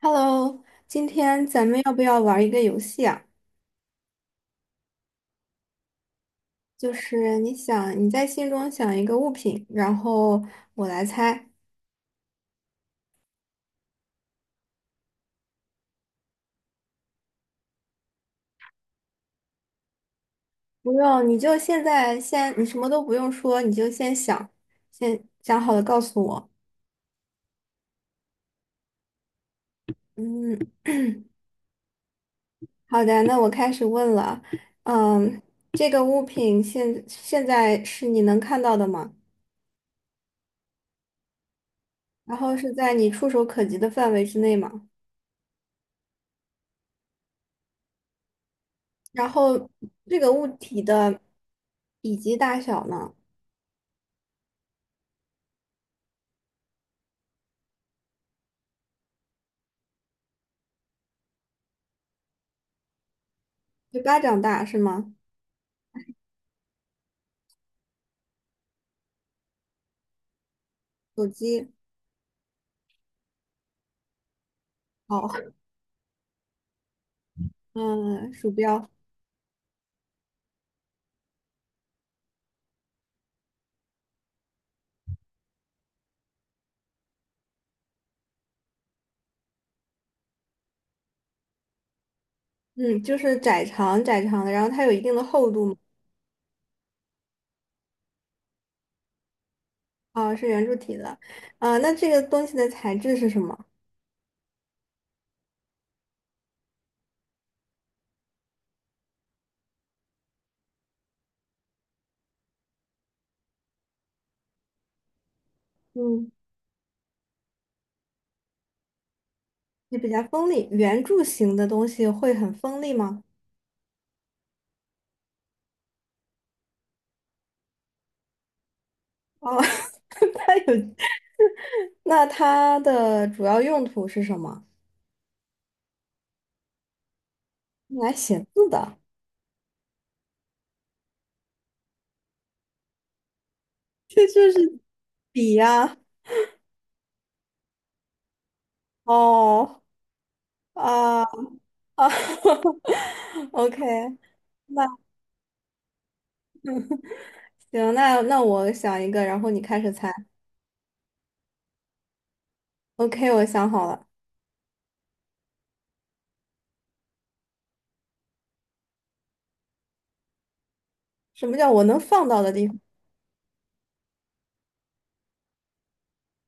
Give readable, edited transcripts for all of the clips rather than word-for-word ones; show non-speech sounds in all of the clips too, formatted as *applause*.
Hello，今天咱们要不要玩一个游戏啊？就是你想你在心中想一个物品，然后我来猜。不用，你就现在先，你什么都不用说，你就先想，先想好了告诉我。嗯，好的，那我开始问了。嗯，这个物品现在是你能看到的吗？然后是在你触手可及的范围之内吗？然后这个物体的体积大小呢？就巴掌大是吗？手机，好，*laughs* 嗯，鼠标，嗯，就是窄长窄长的，然后它有一定的厚度嘛。啊，是圆柱体的，啊，那这个东西的材质是什么？嗯，也比较锋利，圆柱形的东西会很锋利吗？哦，*laughs* 它有，那它的主要用途是什么？用来写字的，这就是笔呀、哦，啊啊 *laughs*，OK，那行，那我想一个，然后你开始猜。OK，我想好了，什么叫我能放到的地方？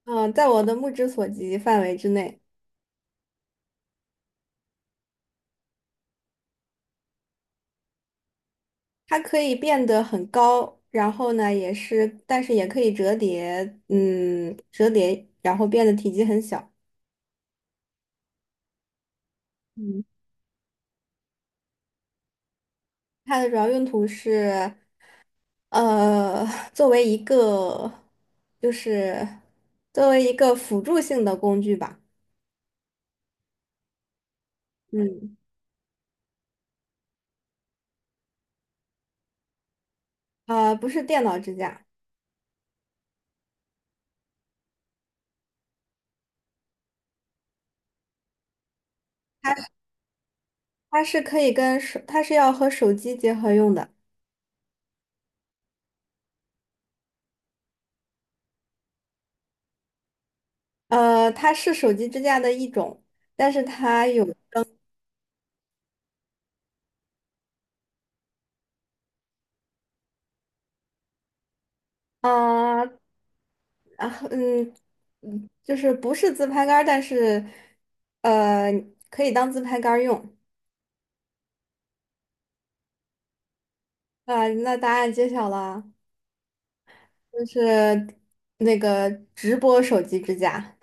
嗯，在我的目之所及范围之内。它可以变得很高，然后呢，也是，但是也可以折叠，嗯，折叠，然后变得体积很小。嗯，它的主要用途是，呃，*laughs* 作为一个，就是作为一个辅助性的工具吧。嗯，呃，不是电脑支架，它它是可以跟手，它是要和手机结合用的。呃，它是手机支架的一种，但是它有啊啊嗯嗯，就是不是自拍杆儿但是呃可以当自拍杆儿用。啊，那答案揭晓了，就是那个直播手机支架。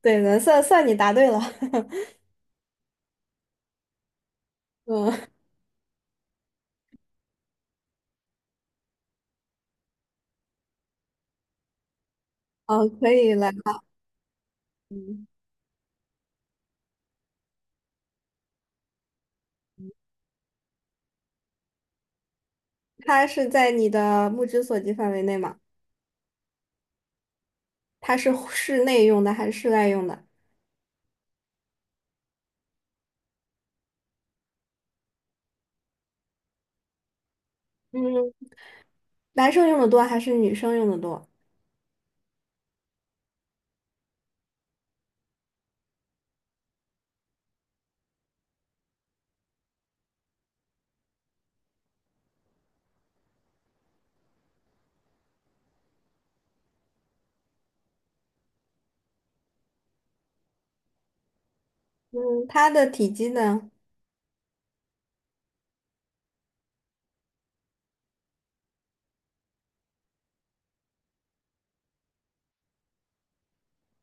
对的，算你答对了。*laughs* 嗯，哦，可以来吧。它是在你的目之所及范围内吗？它是室内用的还是室外用的？嗯，男生用的多还是女生用的多？嗯，它的体积呢，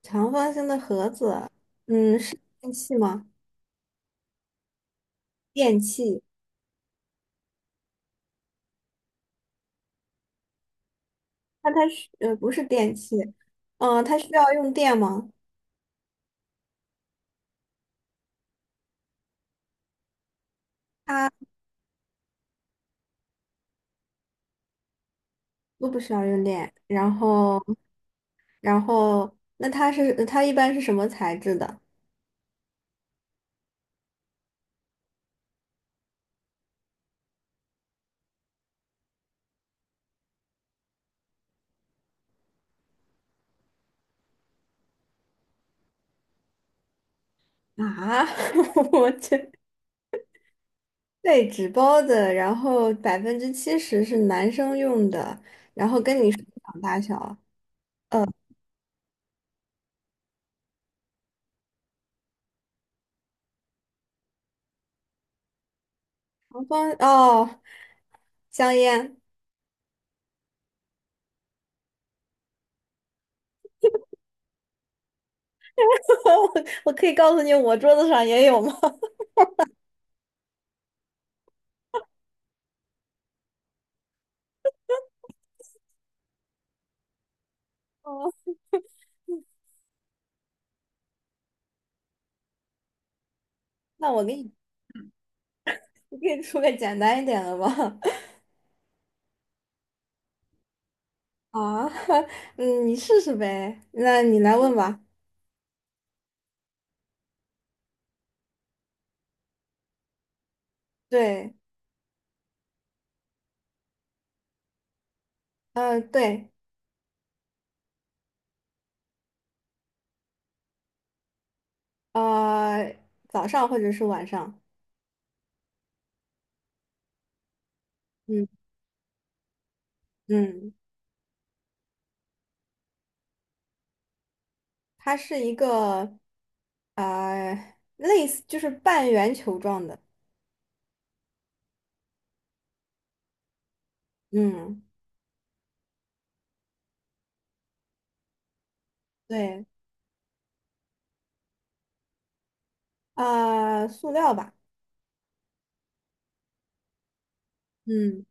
长方形的盒子，嗯，是电器吗？电器，那它是不是电器，嗯、它需要用电吗？它都不需要用电。然后，然后，那它是它一般是什么材质的啊？*laughs* 我这被纸包的，然后70%是男生用的，然后跟你手掌大小，长方哦，香烟。*laughs* 我我可以告诉你，我桌子上也有吗？*laughs* 哦，那我给你，我给你出个简单一点的吧。*laughs* 啊，*laughs* 嗯，你试试呗。那你来问吧。对，嗯，对，呃，早上或者是晚上。嗯嗯，它是一个，类似就是半圆球状的。嗯，对，啊、塑料吧。嗯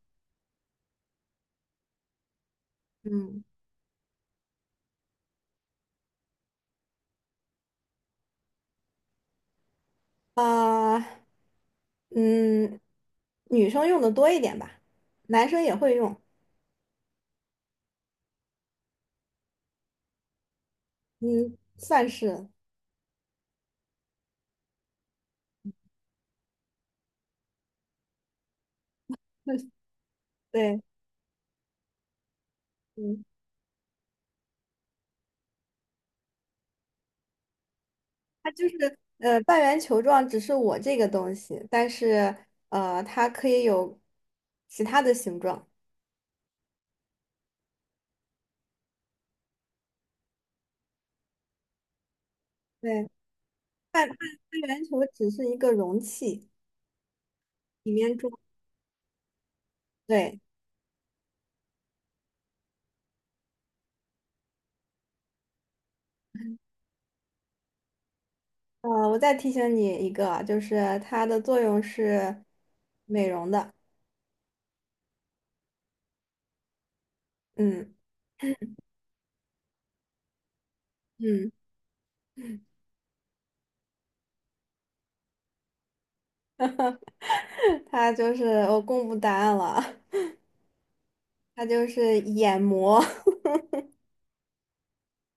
嗯，啊、嗯，女生用的多一点吧，男生也会用，嗯，算是，*laughs* 对，嗯，它就是半圆球状，只是我这个东西，但是它可以有其他的形状。对，半半半圆球只是一个容器，里面装，对，我再提醒你一个，就是它的作用是美容的。嗯嗯，*laughs* 它就是我公布答案了。它就是眼膜 *laughs*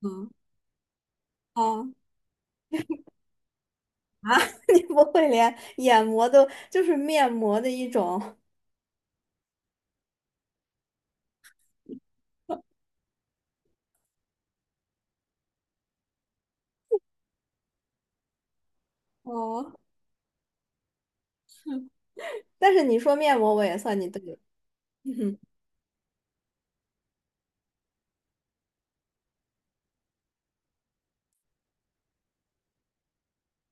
嗯，哦啊，*laughs* 你不会连眼膜都就是面膜的一种，*laughs* 哦，但是你说面膜我也算你对了。*laughs*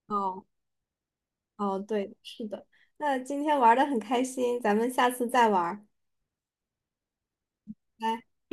哦，哦，对，是的。那今天玩的很开心，咱们下次再玩儿。拜